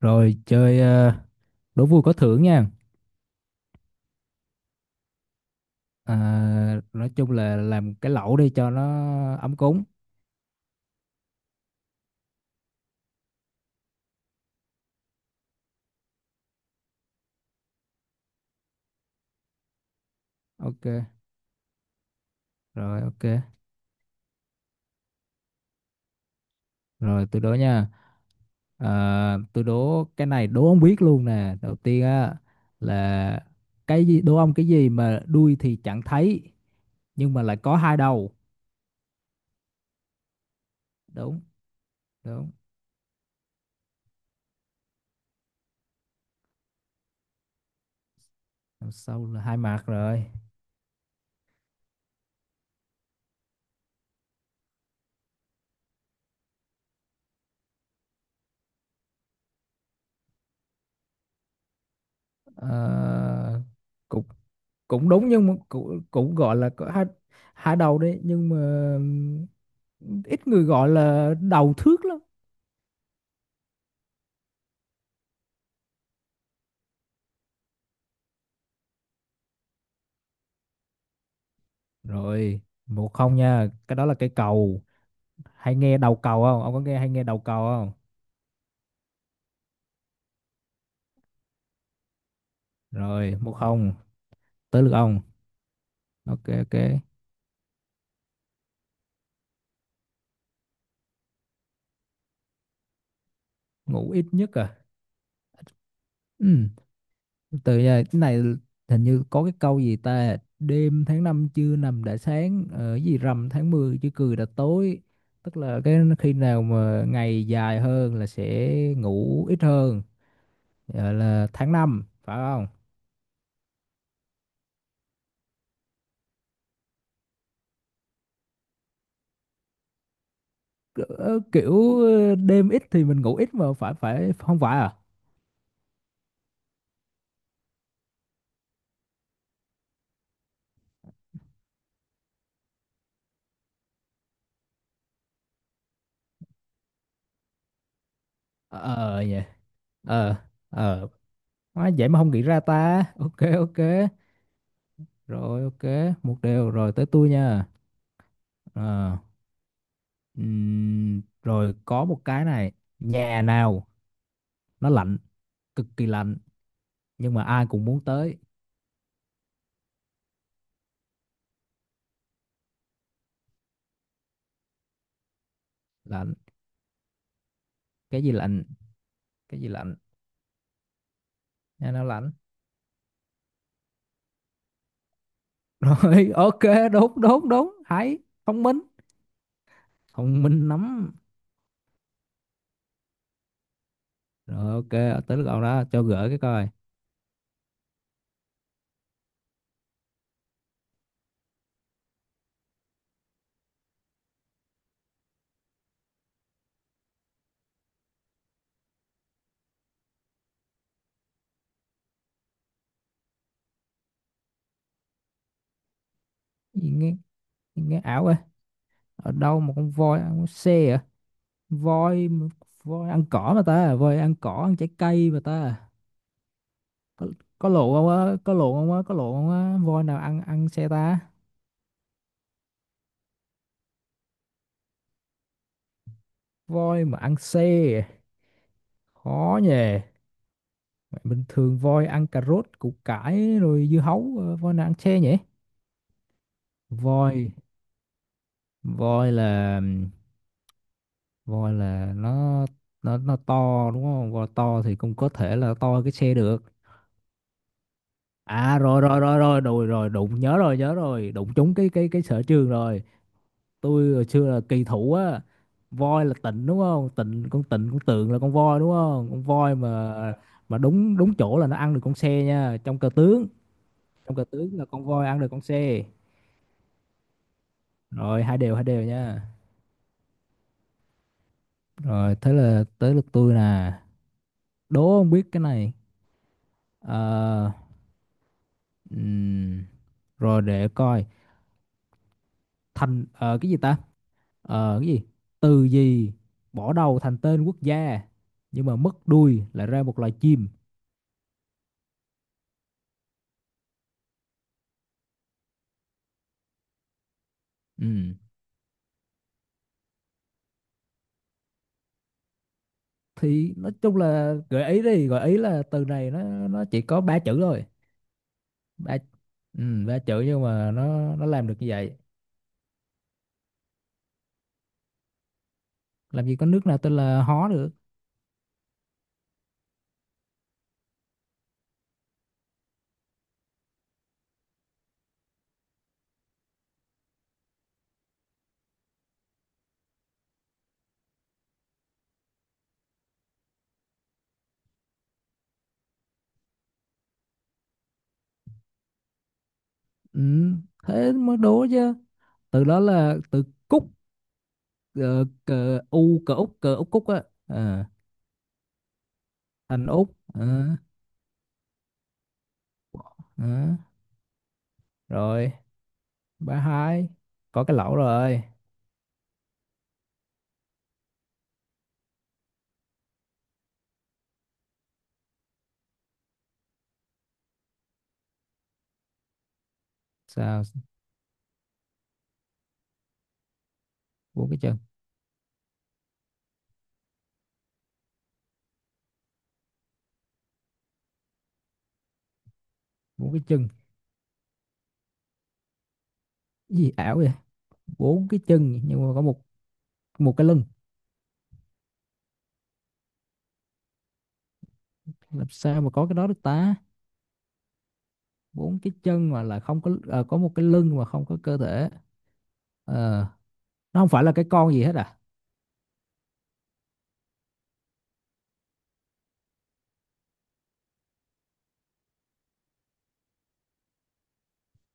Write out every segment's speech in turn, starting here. Rồi chơi đố vui có thưởng nha. À, nói chung là làm cái lẩu đi cho nó ấm cúng. Ok, ok. Rồi tôi đố nha. À, tôi đố cái này, đố ông biết luôn nè. Đầu tiên á là cái gì, đố ông cái gì mà đuôi thì chẳng thấy nhưng mà lại có hai đầu. Đúng, đúng. Đằng sau là hai mặt rồi. À, cũng cũng đúng nhưng mà cũng gọi là có hai hai đầu đấy, nhưng mà ít người gọi là đầu thước lắm. Rồi, 1-0 nha, cái đó là cây cầu. Hay nghe đầu cầu không, ông có nghe hay nghe đầu cầu không? Rồi, một không, tới lượt ông. Ok, ok. Ngủ ít nhất à? Ừ. Từ giờ cái này hình như có cái câu gì ta, đêm tháng năm chưa nằm đã sáng, ở gì rằm tháng 10 chưa cười đã tối, tức là cái khi nào mà ngày dài hơn là sẽ ngủ ít hơn, gọi là tháng năm phải không? Ờ, kiểu đêm ít thì mình ngủ ít mà phải, phải không, phải à? Ờ nhỉ. Ờ. Ờ. Má, vậy mà không nghĩ ra ta. Ok, ok. Rồi ok, một điều, rồi tới tôi nha. Ờ. Rồi có một cái này. Nhà nào nó lạnh, cực kỳ lạnh, nhưng mà ai cũng muốn tới. Lạnh, cái gì lạnh, cái gì lạnh, nhà nào lạnh? Rồi ok, đúng đúng đúng, hay, thông minh, thông minh lắm. Rồi ok, tới lúc ông đó cho gỡ cái coi. Gì nghe nghe ảo ấy. Ở đâu mà con voi ăn xe à? Voi voi ăn cỏ mà ta, voi ăn cỏ, ăn trái cây mà ta. Có có lộn không á, có lộn không á, có lộn không á, voi nào ăn ăn xe ta? Voi mà ăn xe à? Khó nhỉ. Mày, bình thường voi ăn cà rốt, củ cải, rồi dưa hấu, voi nào ăn xe nhỉ? Voi voi là voi là nó, nó to đúng không, voi to thì cũng có thể là to hơn cái xe được. À, rồi rồi rồi rồi rồi rồi, đụng nhớ rồi, nhớ rồi, đụng trúng cái sở trường rồi. Tôi hồi xưa là kỳ thủ á. Voi là tịnh đúng không, tịnh, con tịnh, con tượng là con voi đúng không, con voi mà. Mà đúng, đúng chỗ là nó ăn được con xe nha, trong cờ tướng. Trong cờ tướng là con voi ăn được con xe. Rồi, 2-2, hai đều nha. Rồi, thế là tới lượt tôi nè. Đố không biết cái này. Ờ, ừm, rồi để coi. Thành cái gì ta? Cái gì, từ gì bỏ đầu thành tên quốc gia nhưng mà mất đuôi lại ra một loài chim? Ừm, thì nói chung là gợi ý đi, gợi ý là từ này nó chỉ có ba chữ thôi. Ba. Ba chữ nhưng mà nó làm được như vậy. Làm gì có nước nào tên là hó được. Ừ, thế mới đố chứ. Từ đó là từ Cúc, ờ, cờ U cờ Úc, cờ Úc Cúc á. Ờ, thành Úc. Ờ. Ờ. Rồi, 3-2. Có cái lẩu rồi. Sao, bốn cái chân, bốn cái chân. Cái gì ảo vậy? Bốn cái chân nhưng mà có một một cái lưng. Làm sao mà có cái đó được ta? Bốn cái chân mà là không có có một cái lưng mà không có cơ thể. Ờ, nó không phải là cái con gì hết à?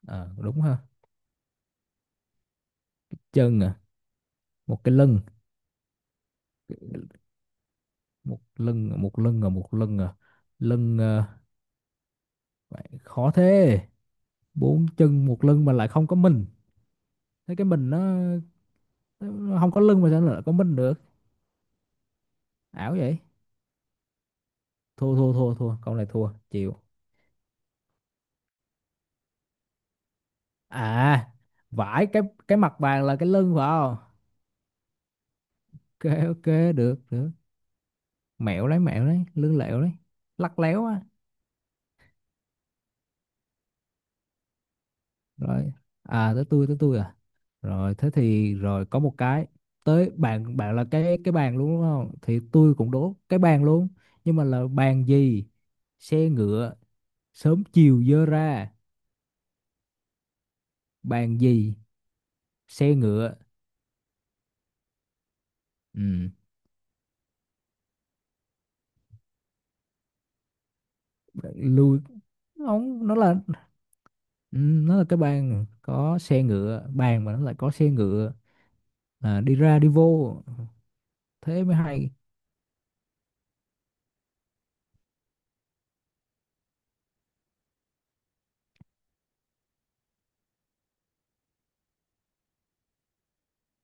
Ờ, đúng ha. Chân à, một cái lưng, một lưng à, một lưng à, một lưng à, lưng à, khó thế. Bốn chân một lưng mà lại không có mình? Thế cái mình nó không có lưng mà sao lại có mình được? Ảo vậy. Thua thua thua thua, câu này thua, chịu. À, vải, cái mặt bàn là cái lưng phải không? Ok ok, được được, mẹo lấy mẹo đấy, lưng lẹo đấy, lắc léo á. Rồi, à, tới tôi, tới tôi. À rồi, thế thì, rồi có một cái, tới bạn bạn là cái bàn luôn đúng không, thì tôi cũng đố cái bàn luôn, nhưng mà là bàn gì, xe ngựa sớm chiều dơ ra. Bàn gì, xe ngựa. Ừ. Lùi. Ông nó là, ừ, nó là cái bàn có xe ngựa, bàn mà nó lại có xe ngựa, à, đi ra đi vô, thế mới hay.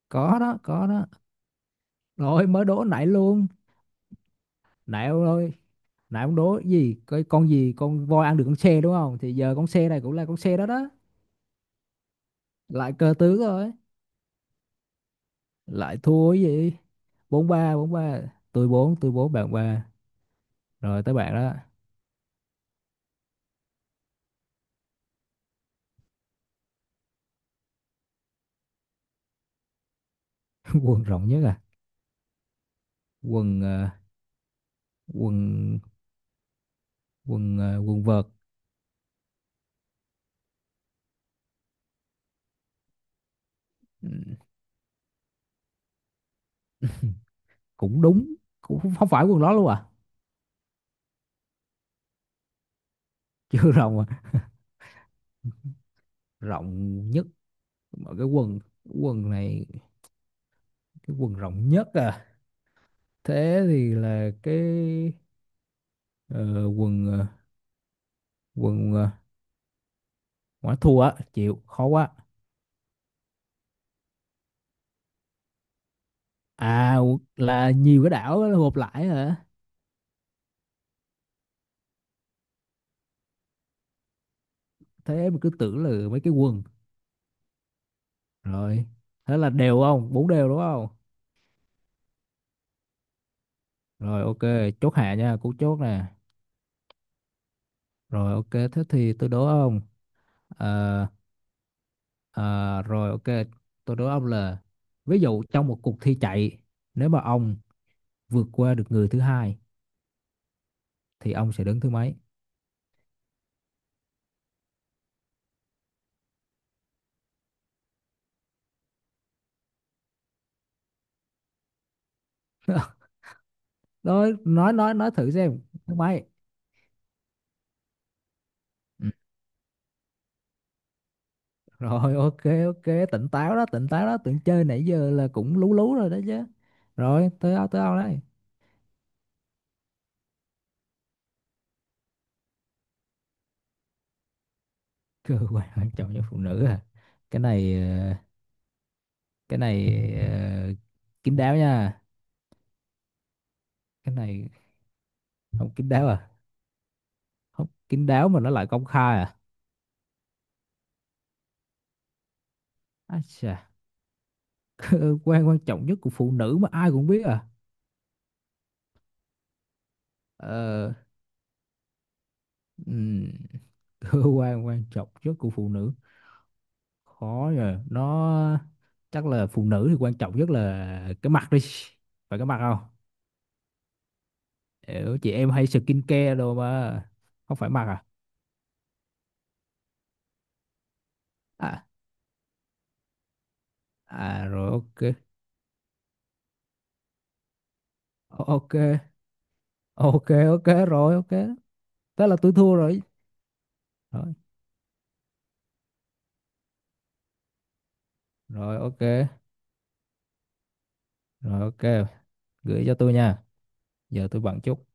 Có đó, có đó. Rồi, mới đố nãy luôn. Nãy ông ơi, nãy ông đố cái gì, cái con gì, con voi ăn được con xe đúng không, thì giờ con xe này cũng là con xe đó đó. Lại cơ tướng rồi. Lại thua cái gì. 4-3, bốn ba. Tôi bốn bạn ba. Rồi tới bạn đó. Quần rộng nhất à? Quần quần quần quần vợt. Ừ, cũng đúng. Cũng không không phải quần đó luôn à? Chưa rộng à? Rộng nhất mà cái quần quần này, cái quần rộng nhất à? Thế thì là cái ờ, quần quần quả, thua á, chịu, khó quá. À, là nhiều cái đảo á, gộp lại hả? Thế mà cứ tưởng là mấy cái quần. Rồi, thế là đều không, 4-4 đúng không. Rồi ok, chốt hạ nha, cú chốt nè. Rồi ok, thế thì tôi đố ông. Ờ, ờ, rồi ok, tôi đố ông là, ví dụ trong một cuộc thi chạy, nếu mà ông vượt qua được người thứ hai thì ông sẽ đứng thứ mấy? Nói thử xem. Thứ mấy? Ừ. Rồi ok, ok, tỉnh táo đó, tỉnh táo đó, tưởng chơi nãy giờ là cũng lú lú rồi đó chứ. Rồi tới ao, tới ao đấy. Cơ quan quan trọng cho phụ nữ à? Cái này cái này ờ, kín đáo nha. Cái này không kín đáo à? Không kín đáo mà nó lại công khai à? Ái chà. Cơ quan quan trọng nhất của phụ nữ mà ai cũng biết à? Ờ. ừm, Cơ quan quan trọng nhất của phụ nữ, khó rồi, nó chắc là phụ nữ thì quan trọng nhất là cái mặt đi, phải cái mặt không, kiểu chị em hay skin care đồ mà. Không phải mặt à? À, à rồi ok. Ok, ok, ok, rồi ok, thế là tôi thua rồi. Rồi, rồi ok, rồi ok, gửi cho tôi nha. Giờ tôi bận chút.